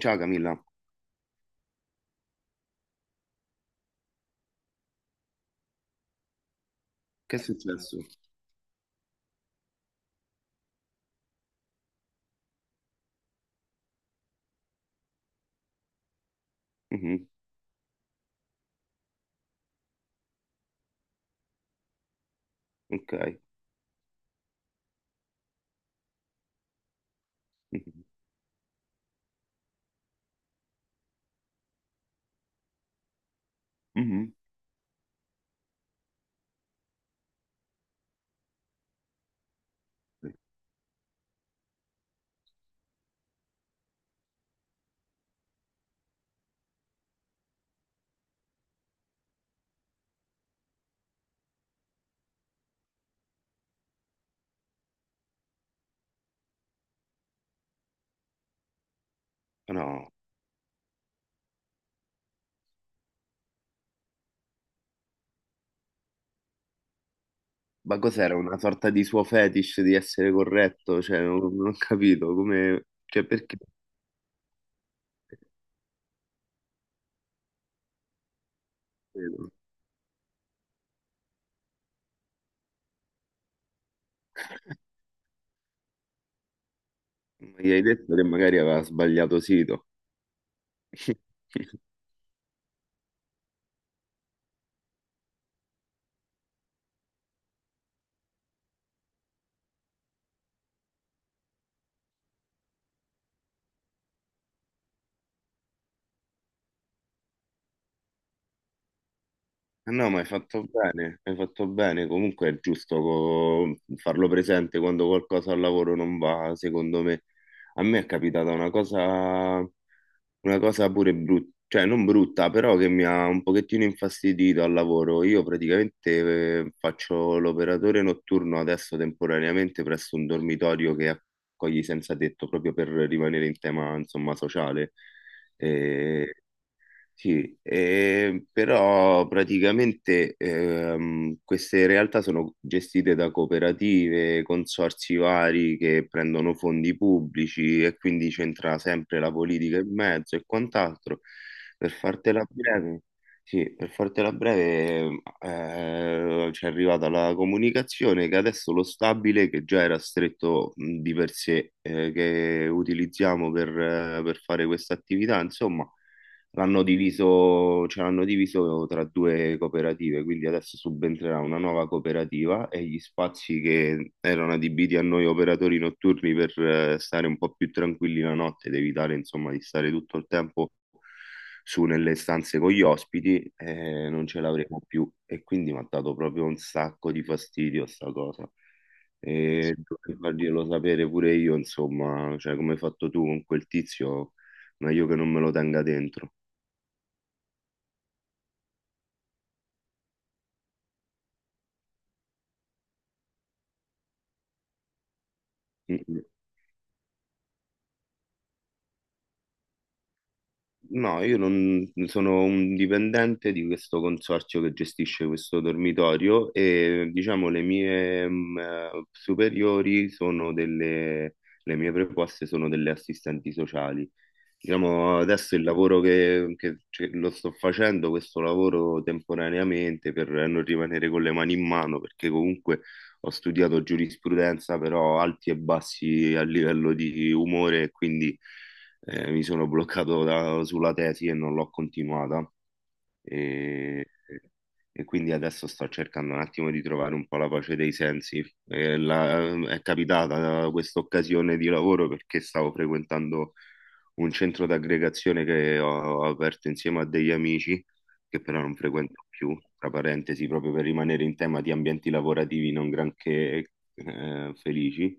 Ciao Camilla, che è successo? Mhm, ok. Mhm, mhm. No, ma cos'era? Una sorta di suo fetish di essere corretto? Cioè, non ho capito come... Cioè, perché? Ma gli hai detto che magari aveva sbagliato sito? No, ma hai fatto bene, hai fatto bene. Comunque è giusto farlo presente quando qualcosa al lavoro non va, secondo me. A me è capitata una cosa pure brutta, cioè non brutta, però che mi ha un pochettino infastidito al lavoro. Io praticamente faccio l'operatore notturno adesso temporaneamente presso un dormitorio che accoglie senza tetto, proprio per rimanere in tema, insomma, sociale. Sì, però praticamente queste realtà sono gestite da cooperative, consorzi vari che prendono fondi pubblici e quindi c'entra sempre la politica in mezzo e quant'altro. Per fartela breve, sì, per fartela breve, ci è arrivata la comunicazione che adesso lo stabile, che già era stretto di per sé, che utilizziamo per fare questa attività, insomma l'hanno diviso, ce l'hanno diviso tra due cooperative, quindi adesso subentrerà una nuova cooperativa e gli spazi che erano adibiti a noi operatori notturni per stare un po' più tranquilli la notte ed evitare insomma di stare tutto il tempo su nelle stanze con gli ospiti, non ce l'avremo più e quindi mi ha dato proprio un sacco di fastidio sta cosa. E dovrei farglielo sapere pure io, insomma, cioè come hai fatto tu con quel tizio, meglio che non me lo tenga dentro. Mm, no, io non sono un dipendente di questo consorzio che gestisce questo dormitorio e diciamo le mie mm, superiori sono delle, le mie preposte sono delle assistenti sociali. Diciamo, adesso il lavoro che lo sto facendo, questo lavoro temporaneamente per non rimanere con le mani in mano, perché comunque ho studiato giurisprudenza, però alti e bassi a livello di umore, quindi mi sono bloccato sulla tesi e non l'ho continuata e, e quindi adesso sto cercando un attimo di trovare un po' la pace dei sensi. È capitata questa occasione di lavoro perché stavo frequentando un centro d'aggregazione che ho aperto insieme a degli amici che però non frequento più, tra parentesi, proprio per rimanere in tema di ambienti lavorativi non granché felici.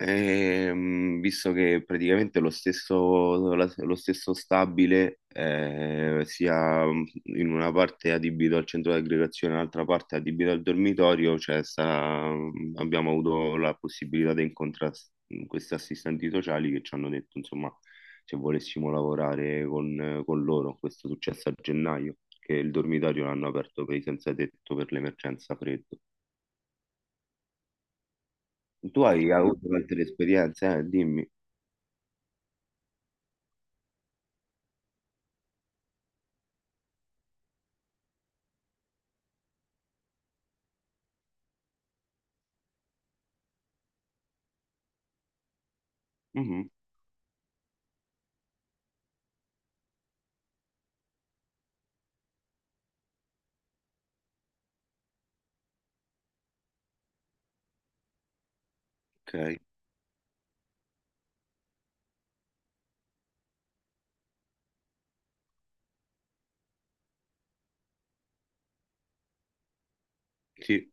Visto che praticamente lo stesso stabile sia mm, in una parte adibito al centro di aggregazione, l'altra parte adibito al dormitorio, abbiamo avuto la possibilità di incontrare questi assistenti sociali che ci hanno detto, insomma, se volessimo lavorare con loro. Questo è successo a gennaio, che il dormitorio l'hanno aperto per i senza tetto per l'emergenza freddo. Tu hai avuto altre esperienze, eh? Dimmi. Mhm, ok. Sì,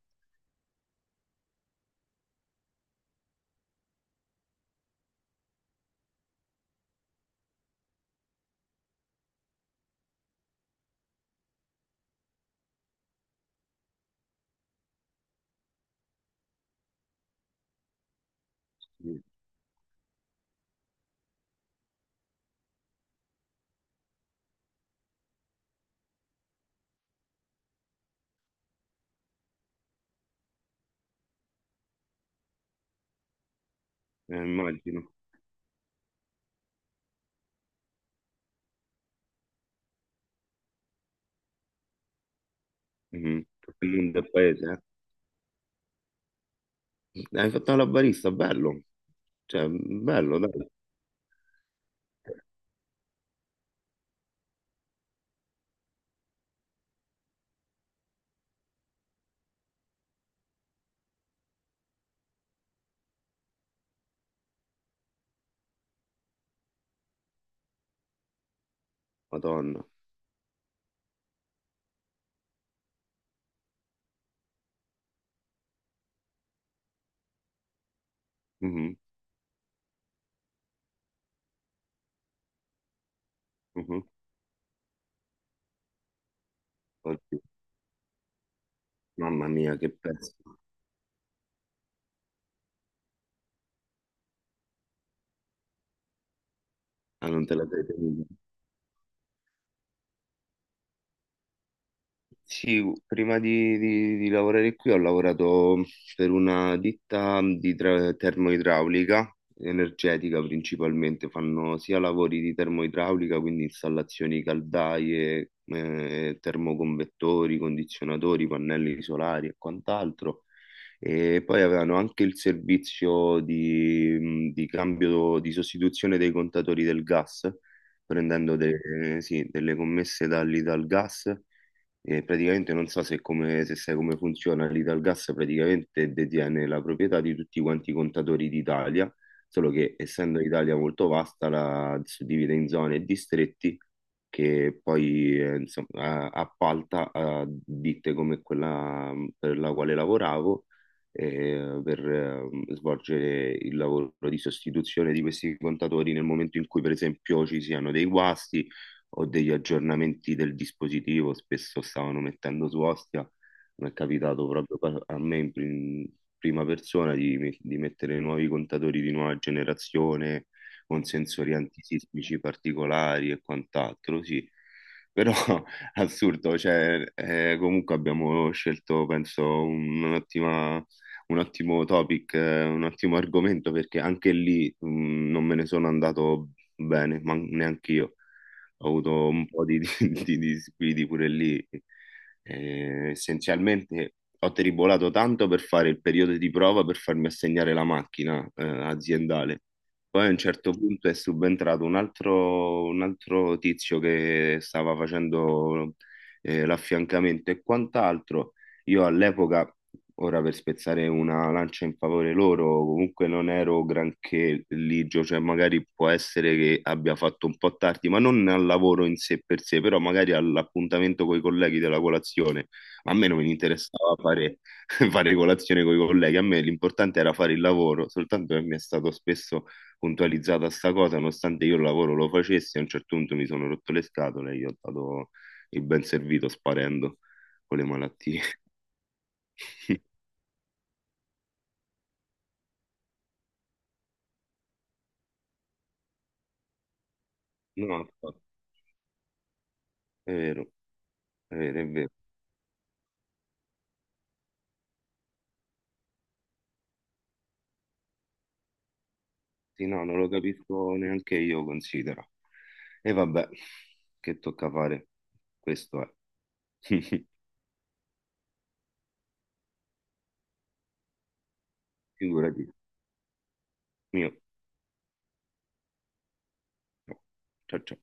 sì, immagino. Mhm. Tutto il mondo è paese, eh. Hai fatto la barista, bello. Cioè, bello, dai. Madonna. Mhm, mhm. Oddio, mamma mia, che pezzo. Ah, non te la sei tenuta. Sì, prima di, di lavorare qui ho lavorato per una ditta di termoidraulica, energetica principalmente, fanno sia lavori di termoidraulica, quindi installazioni caldaie, termoconvettori, condizionatori, pannelli solari e quant'altro, e poi avevano anche il servizio di cambio, di sostituzione dei contatori del gas, prendendo sì, delle commesse dall'Italgas. E praticamente non so se, come, se sai come funziona, l'Italgas praticamente detiene la proprietà di tutti quanti i contatori d'Italia, solo che essendo l'Italia molto vasta la suddivide in zone e distretti che poi insomma, appalta a ditte come quella per la quale lavoravo per svolgere il lavoro di sostituzione di questi contatori nel momento in cui per esempio ci siano dei guasti o degli aggiornamenti del dispositivo, spesso stavano mettendo su Ostia, mi è capitato proprio a me prima persona di, di mettere nuovi contatori di nuova generazione con sensori antisismici particolari e quant'altro, sì. Però assurdo, cioè, comunque abbiamo scelto, penso, un ottimo topic, un ottimo argomento perché anche lì non me ne sono andato bene, ma neanche io ho avuto un po' di di disguidi pure lì. Essenzialmente ho tribolato tanto per fare il periodo di prova per farmi assegnare la macchina, aziendale. Poi a un certo punto è subentrato un altro tizio che stava facendo l'affiancamento e quant'altro. Io all'epoca, ora per spezzare una lancia in favore loro, comunque non ero granché ligio, cioè magari può essere che abbia fatto un po' tardi, ma non al lavoro in sé per sé, però magari all'appuntamento con i colleghi della colazione. A me non mi interessava fare, fare colazione con i colleghi, a me l'importante era fare il lavoro, soltanto che mi è stato spesso puntualizzata sta cosa, nonostante io il lavoro lo facessi, a un certo punto mi sono rotto le scatole e gli ho dato il ben servito sparendo con le malattie. No, infatti, è vero, è vero, è vero. Sì, no, non lo capisco neanche io, considero. E vabbè, che tocca fare? Questo è. Figurati. Mio. No. Ciao ciao.